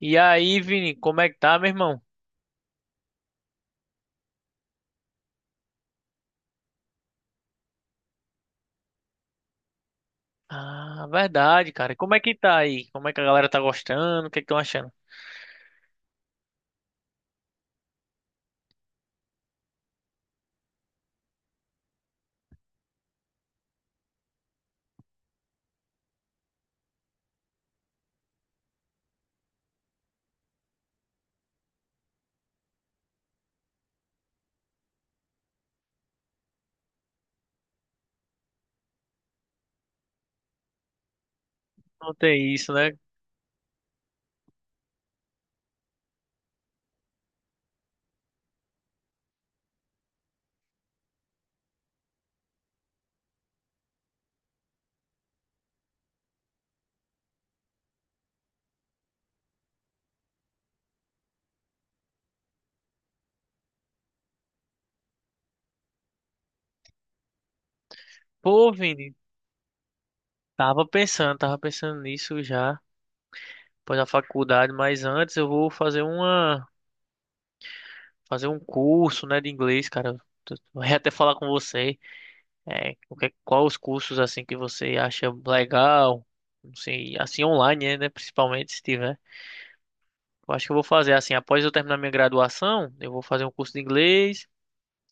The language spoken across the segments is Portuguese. E aí, Vini, como é que tá, meu irmão? Ah, verdade, cara. Como é que tá aí? Como é que a galera tá gostando? O que é que estão achando? Não tem isso, né? Pô, Vini, tava pensando nisso já, depois da faculdade, mas antes eu vou fazer um curso, né, de inglês, cara. Eu ia até falar com você, o qual os cursos, assim, que você acha legal, não sei, assim, online, né, principalmente, se tiver. Eu acho que eu vou fazer, assim, após eu terminar minha graduação, eu vou fazer um curso de inglês,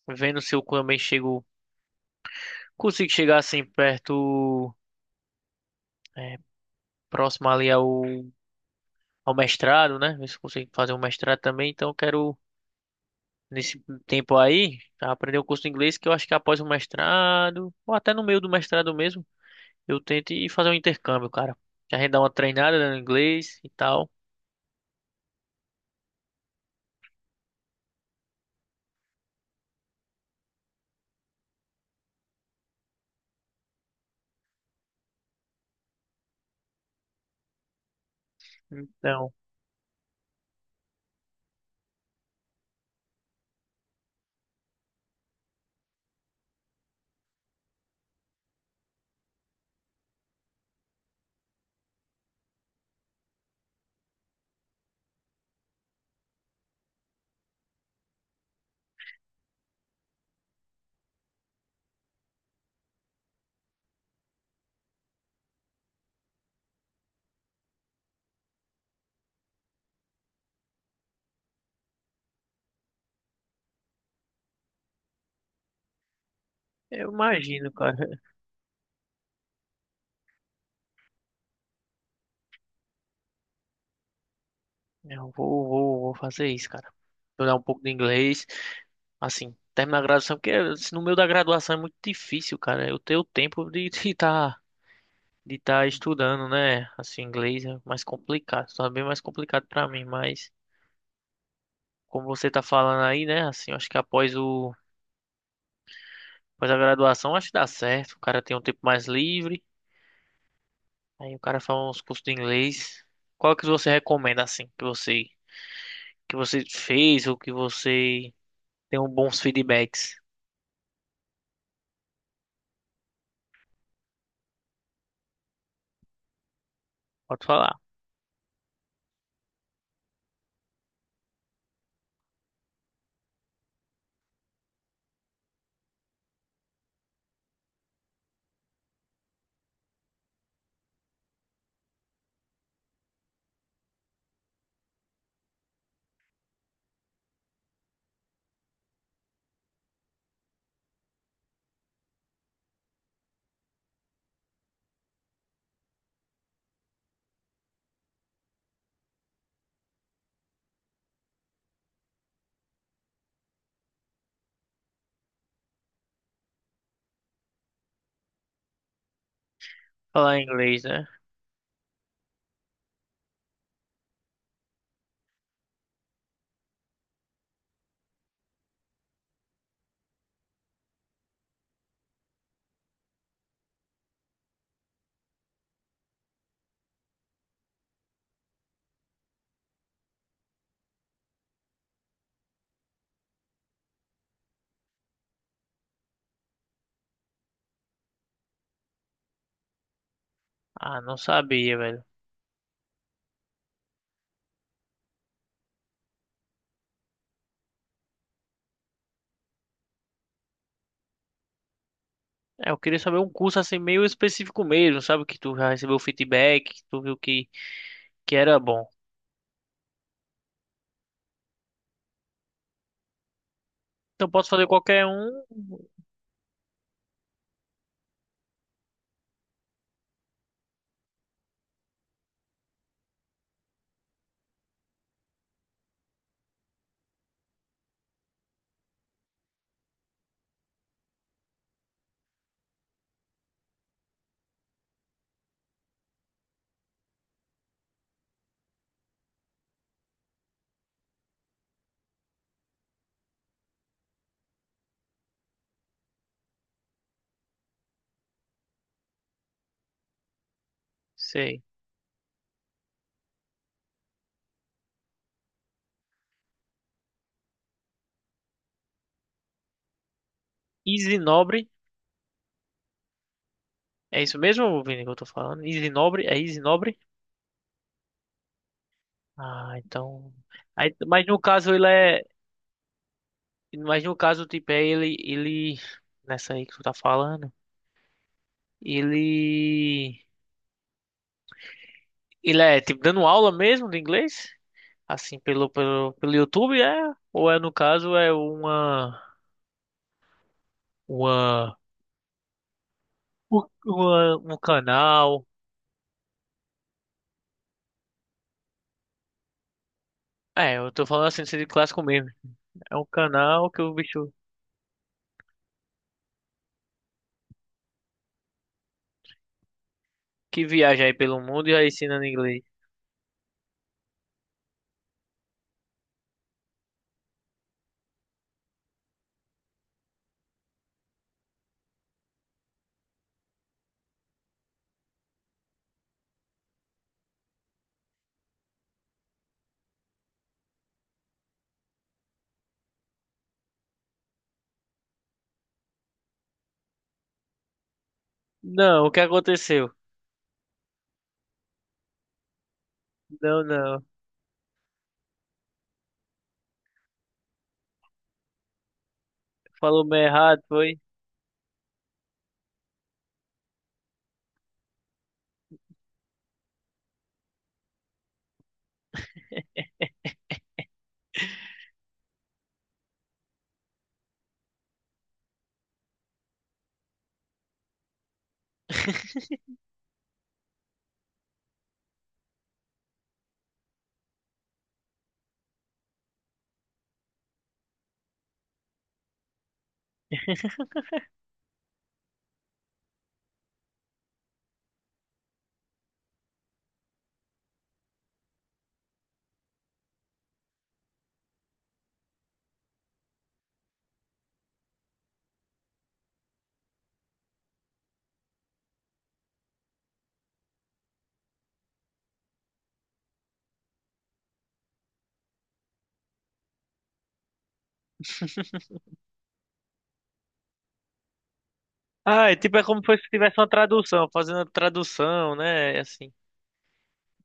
vendo se eu também chego, consigo chegar assim perto, é, próximo ali ao mestrado, né? Ver se eu consigo fazer um mestrado também. Então, eu quero, nesse tempo aí, aprender um curso de inglês que eu acho que após o mestrado, ou até no meio do mestrado mesmo, eu tento ir fazer um intercâmbio, cara. Já gente dá uma treinada, né, no inglês e tal. Então, eu imagino, cara. Eu vou fazer isso, cara. Estudar um pouco de inglês, assim, terminar a graduação, porque assim, no meio da graduação é muito difícil, cara. Eu ter o tempo de estar de tá estudando, né? Assim, inglês é mais complicado, só é bem mais complicado pra mim, mas como você tá falando aí, né? Assim, eu acho que após a graduação, acho que dá certo. O cara tem um tempo mais livre, aí o cara faz uns cursos de inglês. Qual que você recomenda assim, que você fez ou que você tem um bons feedbacks? Pode falar. Falar em inglês, né? Ah, não sabia, velho. É, eu queria saber um curso assim meio específico mesmo, sabe? Que tu já recebeu feedback, que tu viu que era bom. Então posso fazer qualquer um. Sei. Easy Nobre. É isso mesmo, Vini, que eu tô falando? Easy Nobre? É Easy Nobre? Ah, então. Aí, mas no caso ele é. Mas no caso, tipo, é ele. Ele. Nessa aí que tu tá falando. Ele. Ele é, tipo, dando aula mesmo de inglês? Assim, pelo YouTube, é? Ou é no caso, é uma, um canal. É, eu tô falando assim, de clássico mesmo. É um canal que o bicho que viaja aí pelo mundo e aí ensina inglês. Não, o que aconteceu? Não, não. Falou meio errado, foi? Ah, é tipo, é como se fosse- tivesse uma tradução, fazendo a tradução, né? Assim,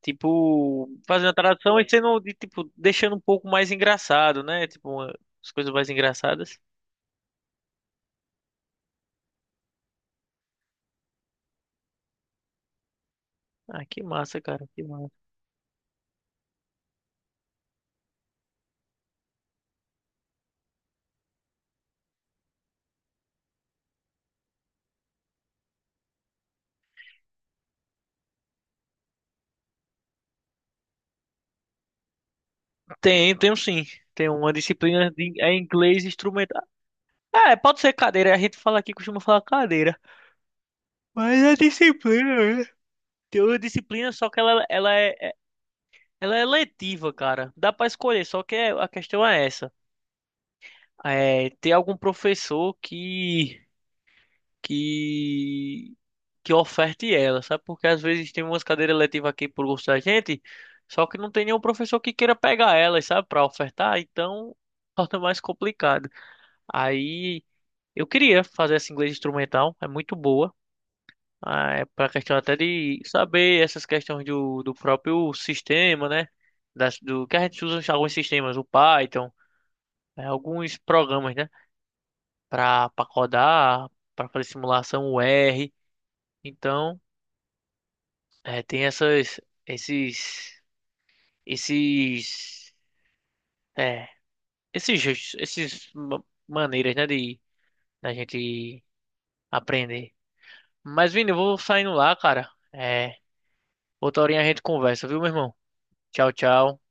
tipo, fazendo a tradução e sendo, de, tipo, deixando um pouco mais engraçado, né? Tipo, uma- as coisas mais engraçadas. Ah, que massa, cara, que massa. Tem, tem um sim. Tem uma disciplina de é inglês instrumental. É, pode ser cadeira. A gente fala aqui, costuma falar cadeira. Mas é disciplina, né? Tem uma disciplina, só que ela é, ela é letiva, cara. Dá pra escolher, só que é- a questão é essa. É, tem algum professor que, que oferte ela, sabe? Porque às vezes tem umas cadeiras letivas aqui por gosto da gente, só que não tem nenhum professor que queira pegar elas, sabe? Pra ofertar, então torna mais complicado. Aí eu queria fazer essa inglês instrumental, é muito boa. Ah, é para questão até de saber essas questões do próprio sistema, né? Das, do que a gente usa em alguns sistemas, o Python, alguns programas, né? Para codar, para fazer simulação, o R. Então, tem essas, esses, esses, é, esses, esses ma- maneiras, né? De da gente aprender. Mas, Vini, eu vou saindo lá, cara. É, outra horinha a gente conversa, viu, meu irmão? Tchau, tchau.